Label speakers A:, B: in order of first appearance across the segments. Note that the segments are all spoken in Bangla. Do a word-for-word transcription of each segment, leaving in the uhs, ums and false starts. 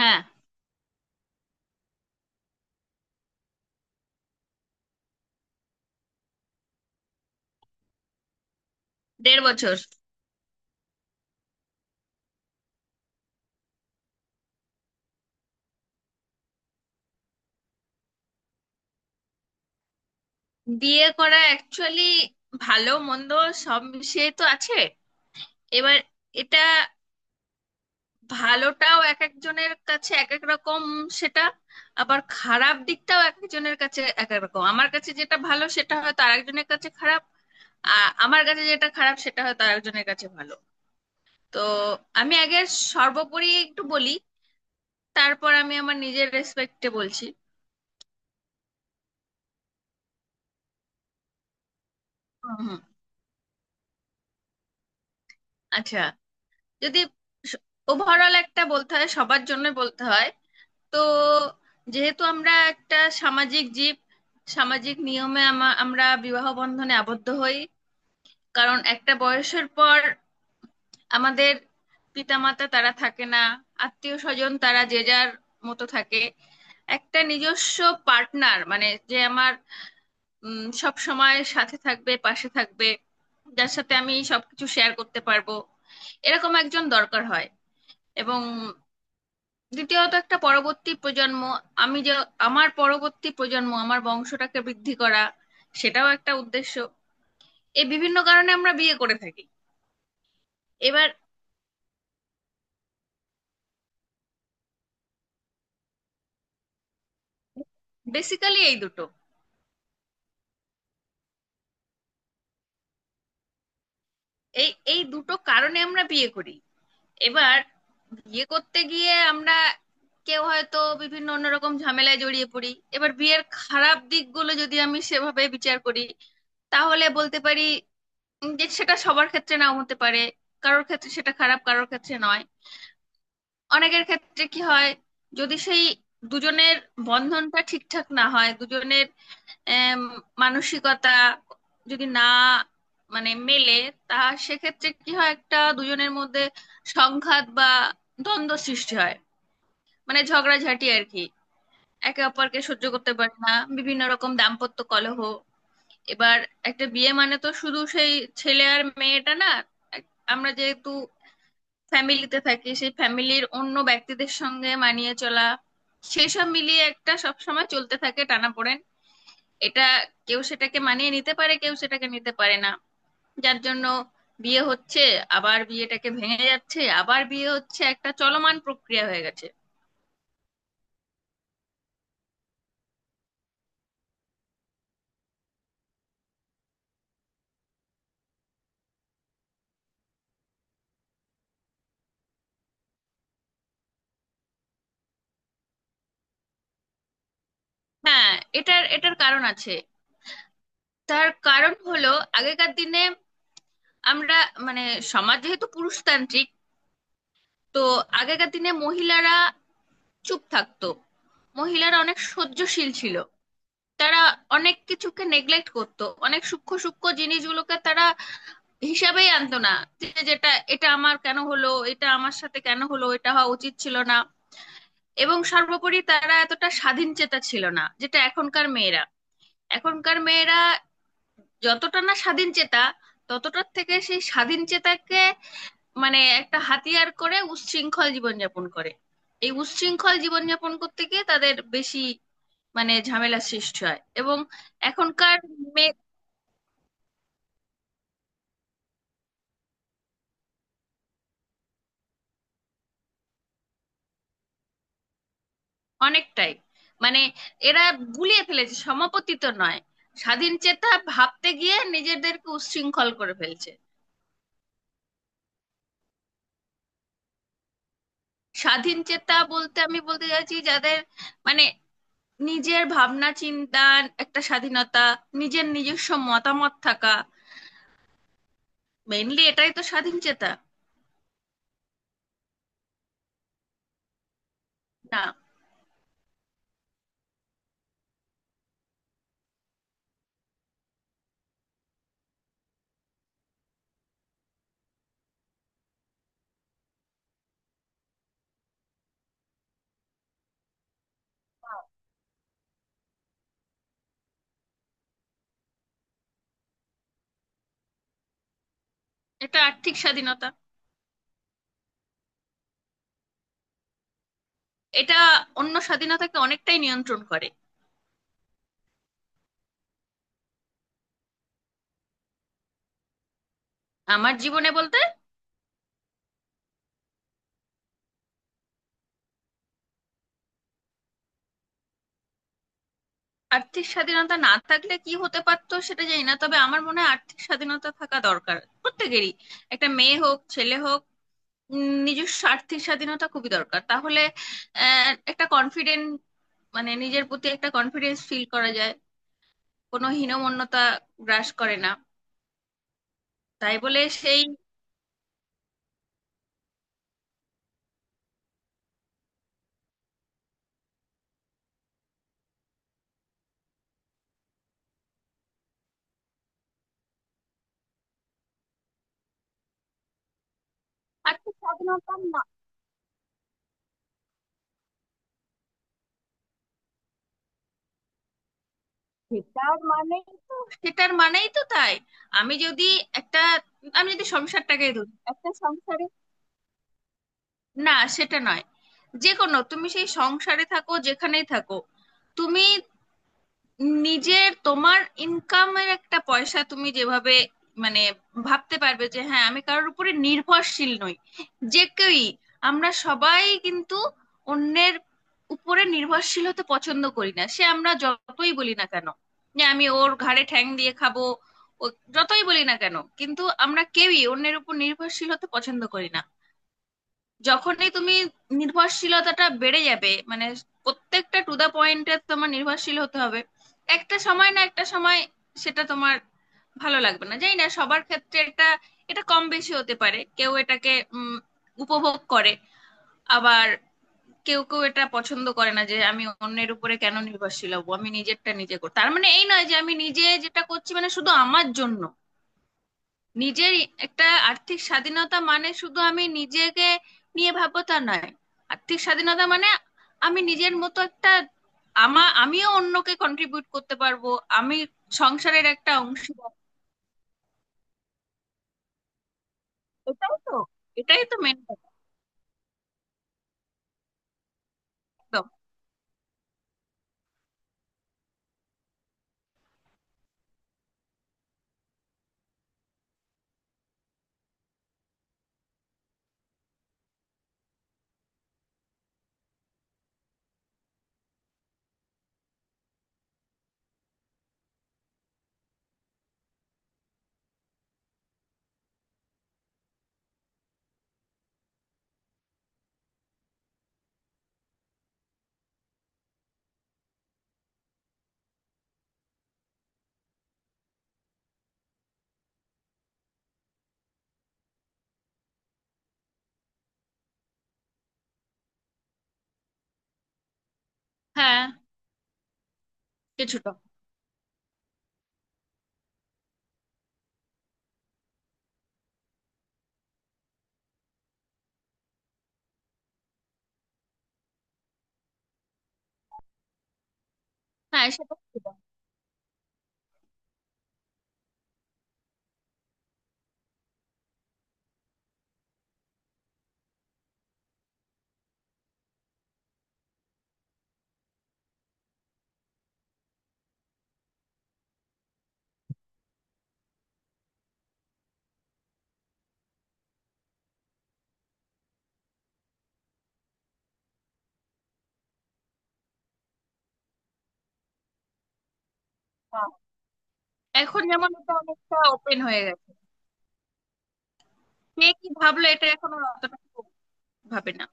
A: হ্যাঁ, দেড় বছর। বিয়ে করা অ্যাকচুয়ালি ভালো মন্দ সব মিশিয়ে তো আছে। এবার এটা, ভালোটাও এক একজনের কাছে এক এক রকম, সেটা আবার খারাপ দিকটাও এক একজনের কাছে এক এক রকম। আমার কাছে যেটা ভালো সেটা হয়তো আরেকজনের কাছে খারাপ, আ- আমার কাছে যেটা খারাপ সেটা হয়তো আরেকজনের কাছে ভালো। তো আমি আগে সর্বোপরি একটু বলি, তারপর আমি আমার নিজের রেসপেক্টে বলছি। হুম, হুম। আচ্ছা, যদি ওভারঅল একটা বলতে হয়, সবার জন্য বলতে হয়, তো যেহেতু আমরা একটা সামাজিক জীব, সামাজিক নিয়মে আমা- আমরা বিবাহ বন্ধনে আবদ্ধ হই। কারণ একটা বয়সের পর আমাদের পিতামাতা তারা থাকে না, আত্মীয় স্বজন তারা যে যার মতো থাকে। একটা নিজস্ব পার্টনার মানে, যে আমার সব সময় সাথে থাকবে, পাশে থাকবে, যার সাথে আমি সবকিছু শেয়ার করতে পারবো, এরকম একজন দরকার হয়। এবং দ্বিতীয়ত, একটা পরবর্তী প্রজন্ম, আমি যে আমার পরবর্তী প্রজন্ম, আমার বংশটাকে বৃদ্ধি করা, সেটাও একটা উদ্দেশ্য। এই বিভিন্ন কারণে আমরা বিয়ে করে থাকি। এবার বেসিক্যালি এই দুটো, এই এই দুটো কারণে আমরা বিয়ে করি। এবার বিয়ে করতে গিয়ে আমরা কেউ হয়তো বিভিন্ন অন্যরকম ঝামেলায় জড়িয়ে পড়ি। এবার বিয়ের খারাপ দিকগুলো যদি আমি সেভাবে বিচার করি, তাহলে বলতে পারি উম, যে সেটা সবার ক্ষেত্রে নাও হতে পারে। কারোর ক্ষেত্রে সেটা খারাপ, কারোর ক্ষেত্রে নয়। অনেকের ক্ষেত্রে কি হয়, যদি সেই দুজনের বন্ধনটা ঠিকঠাক না হয়, দুজনের আম, মানসিকতা যদি না মানে মেলে, তা সেক্ষেত্রে কি হয়, একটা দুজনের মধ্যে সংঘাত বা দ্বন্দ্ব সৃষ্টি হয়, মানে ঝগড়াঝাটি আর কি। একে অপরকে সহ্য করতে পারে না, বিভিন্ন রকম দাম্পত্য কলহ। এবার একটা বিয়ে মানে তো শুধু সেই ছেলে আর মেয়েটা না, এক- আমরা যেহেতু ফ্যামিলিতে থাকি, সেই ফ্যামিলির অন্য ব্যক্তিদের সঙ্গে মানিয়ে চলা, সেসব মিলিয়ে একটা সবসময় চলতে থাকে টানাপোড়েন। এটা কেউ সেটাকে মানিয়ে নিতে পারে, কেউ সেটাকে নিতে পারে না। যার জন্য বিয়ে হচ্ছে, আবার বিয়েটাকে ভেঙে যাচ্ছে, আবার বিয়ে হচ্ছে, একটা চলমান প্রক্রিয়া হয়ে গেছে। হ্যাঁ, এটার এটার কারণ আছে। তার কারণ হলো, আগেকার দিনে আমরা মানে সমাজ যেহেতু পুরুষতান্ত্রিক, তো আগেকার দিনে মহিলারা চুপ থাকতো, মহিলারা অনেক সহ্যশীল ছিল। তারা অনেক কিছুকে নেগলেক্ট করতো, অনেক সূক্ষ্ম সূক্ষ্ম জিনিসগুলোকে তারা হিসাবেই আনতো না, যে যেটা এটা আমার কেন হলো, এটা আমার সাথে কেন হলো, এটা হওয়া উচিত ছিল না। এবং সর্বোপরি তারা এতটা স্বাধীন চেতা ছিল না যেটা এখনকার মেয়েরা। এখনকার মেয়েরা যতটা না স্বাধীন চেতা, ততটার থেকে সেই স্বাধীন চেতাকে মানে একটা হাতিয়ার করে উচ্ছৃঙ্খল জীবনযাপন করে। এই উচ্ছৃঙ্খল জীবনযাপন করতে গিয়ে তাদের বেশি মানে ঝামেলা সৃষ্টি হয়। এবং এখনকার মেয়ে অনেকটাই মানে এরা গুলিয়ে ফেলেছে, সমাপতিত নয়, স্বাধীন চেতা ভাবতে গিয়ে নিজেদেরকে উচ্ছৃঙ্খল করে ফেলছে। স্বাধীন চেতা বলতে আমি বলতে চাইছি যাদের মানে নিজের ভাবনা চিন্তার একটা স্বাধীনতা, নিজের নিজস্ব মতামত থাকা, মেইনলি এটাই তো স্বাধীন চেতা। না, এটা আর্থিক স্বাধীনতা। এটা অন্য স্বাধীনতাকে অনেকটাই নিয়ন্ত্রণ করে। আমার জীবনে বলতে, আর্থিক স্বাধীনতা না থাকলে কি হতে পারতো সেটা জানি না, তবে আমার মনে হয় আর্থিক স্বাধীনতা থাকা দরকার প্রত্যেকেরই, একটা মেয়ে হোক, ছেলে হোক। উম, নিজস্ব আর্থিক স্বাধীনতা খুবই দরকার। তাহলে আহ, একটা কনফিডেন্ট, মানে নিজের প্রতি একটা কনফিডেন্স ফিল করা যায়, কোনো হীনমন্যতা গ্রাস করে না। তাই বলে সেই আর্থিক স্বাধীনতা না, সেটার মানেই তো, সেটার মানেই তো তাই। আমি যদি একটা, আমি যদি সংসারটাকে ধরি, একটা সংসারে না সেটা নয়, যে কোনো তুমি সেই সংসারে থাকো, যেখানেই থাকো, তুমি নিজের তোমার ইনকামের একটা পয়সা তুমি যেভাবে মানে ভাবতে পারবে যে হ্যাঁ, আমি কারোর উপরে নির্ভরশীল নই। যে কেউই, আমরা সবাই কিন্তু অন্যের উপরে নির্ভরশীল হতে পছন্দ করি না, সে আমরা যতই বলি না কেন যে আমি ওর ঘাড়ে ঠ্যাং দিয়ে খাবো, ও- যতই বলি না কেন, কিন্তু আমরা কেউই অন্যের উপর নির্ভরশীল হতে পছন্দ করি না। যখনই তুমি নির্ভরশীলতাটা বেড়ে যাবে মানে প্রত্যেকটা টু দা পয়েন্টে তোমার নির্ভরশীল হতে হবে, একটা সময় না একটা সময় সেটা তোমার ভালো লাগবে না। জানি না সবার ক্ষেত্রে, এটা এটা কম বেশি হতে পারে, কেউ এটাকে উম, উপভোগ করে, আবার কেউ কেউ এটা পছন্দ করে না যে আমি অন্যের উপরে কেন নির্ভরশীল হবো, আমি নিজেরটা নিজে করি। তার মানে এই নয় যে আমি নিজে যেটা করছি মানে শুধু আমার জন্য, নিজের একটা আর্থিক স্বাধীনতা মানে শুধু আমি নিজেকে নিয়ে ভাববো তা নয়। আর্থিক স্বাধীনতা মানে আমি নিজের মতো একটা, আমা আমিও অন্যকে কন্ট্রিবিউট করতে পারবো, আমি সংসারের একটা অংশ। এটাই তো, এটাই তো মেন। একদম। হ্যাঁ, কিছুটা। হ্যাঁ, সেটা ছিল। হ্যাঁ। এখন যেমন এটা অনেকটা ওপেন হয়ে গেছে, কে কি ভাবলো এটা এখন আর অতটা ভাবে না।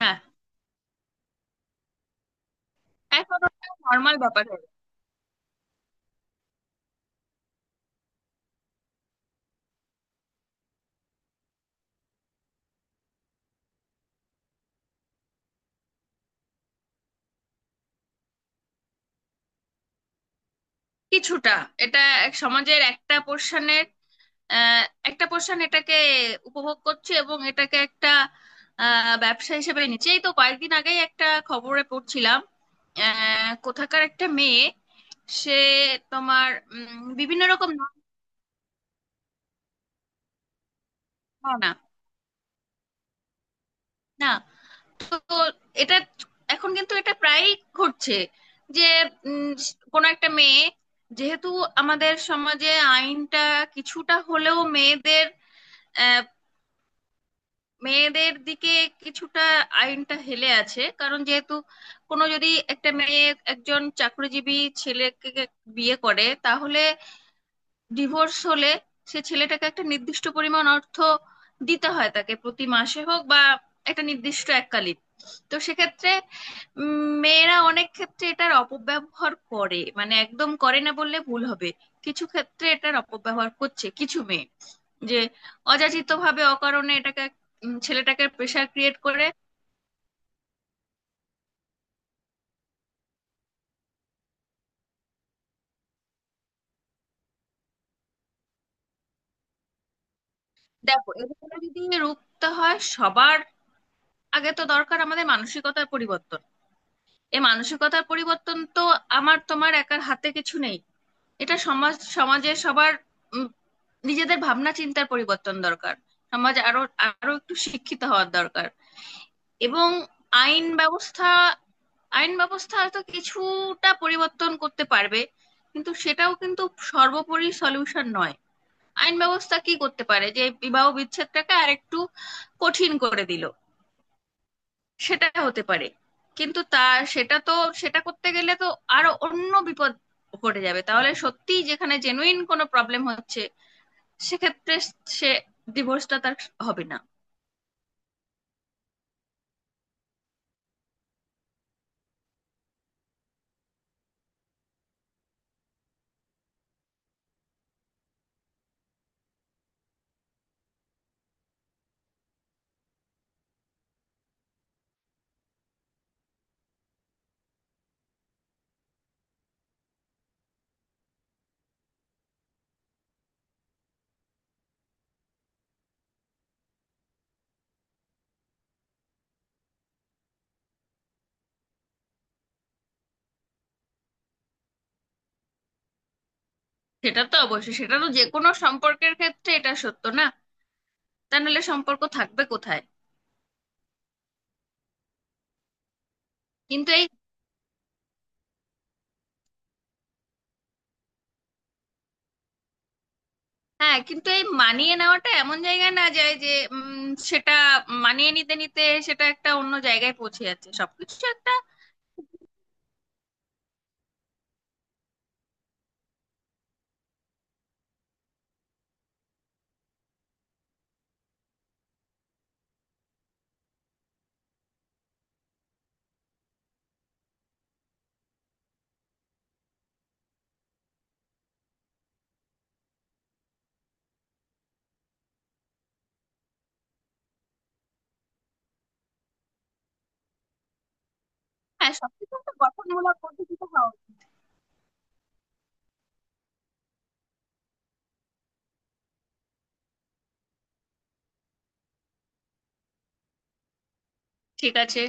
A: হ্যাঁ, এখন নর্মাল ব্যাপার হয়ে গেছে। কিছুটা, এটা এক সমাজের একটা পোর্শনের, আহ, একটা পোর্শন এটাকে উপভোগ করছে এবং এটাকে একটা আহ, ব্যবসা হিসেবে নিচ্ছে। এই তো কয়েকদিন আগেই একটা খবরে পড়ছিলাম, আহ, কোথাকার একটা মেয়ে, সে তোমার উম, বিভিন্ন রকম। না, না, না, না। তো এটা এখন কিন্তু এটা প্রায়ই ঘটছে, যে উম, কোনো একটা মেয়ে, যেহেতু আমাদের সমাজে আইনটা কিছুটা হলেও মেয়েদের, মেয়েদের দিকে কিছুটা আইনটা হেলে আছে, কারণ যেহেতু কোনো যদি একটা মেয়ে একজন চাকরিজীবী ছেলেকে বিয়ে করে, তাহলে ডিভোর্স হলে সে ছেলেটাকে একটা নির্দিষ্ট পরিমাণ অর্থ দিতে হয় তাকে, প্রতি মাসে হোক বা একটা নির্দিষ্ট এককালীন। তো সেক্ষেত্রে উম, মেয়েরা অনেক ক্ষেত্রে এটার অপব্যবহার করে, মানে একদম করে না বললে ভুল হবে, কিছু ক্ষেত্রে এটার অপব্যবহার করছে কিছু মেয়ে, যে অযাচিত ভাবে অকারণে এটাকে উম, ছেলেটাকে প্রেশার ক্রিয়েট করে। দেখো, এগুলো যদি রুখতে হয় সবার আগে তো দরকার আমাদের মানসিকতার পরিবর্তন। এই মানসিকতার পরিবর্তন তো আমার তোমার একার হাতে কিছু নেই। এটা সমাজ, সমাজে সবার উম, নিজেদের ভাবনা চিন্তার পরিবর্তন দরকার, সমাজ আরো আরো একটু শিক্ষিত হওয়ার দরকার। এবং আইন ব্যবস্থা, আইন ব্যবস্থা হয়তো কিছুটা পরিবর্তন করতে পারবে, কিন্তু সেটাও কিন্তু সর্বোপরি সলিউশন নয়। আইন ব্যবস্থা কি করতে পারে, যে বিবাহ বিচ্ছেদটাকে আরেকটু কঠিন করে দিল, সেটা হতে পারে। কিন্তু তা, সেটা তো, সেটা করতে গেলে তো আরো অন্য বিপদ ঘটে যাবে। তাহলে সত্যি যেখানে জেনুইন কোনো প্রবলেম হচ্ছে, সেক্ষেত্রে সে ডিভোর্সটা তার হবে না। সেটা তো অবশ্যই, সেটা তো যে কোনো সম্পর্কের ক্ষেত্রে এটা সত্য না, তা নাহলে সম্পর্ক থাকবে কোথায়। কিন্তু এই, হ্যাঁ, কিন্তু এই মানিয়ে নেওয়াটা এমন জায়গায় না যায় যে উম, সেটা মানিয়ে নিতে নিতে সেটা একটা অন্য জায়গায় পৌঁছে যাচ্ছে, সবকিছু একটা। হ্যাঁ, সবকিছু একটা গঠনমূলক পদ্ধতিতে হওয়া উচিত। ঠিক আছে।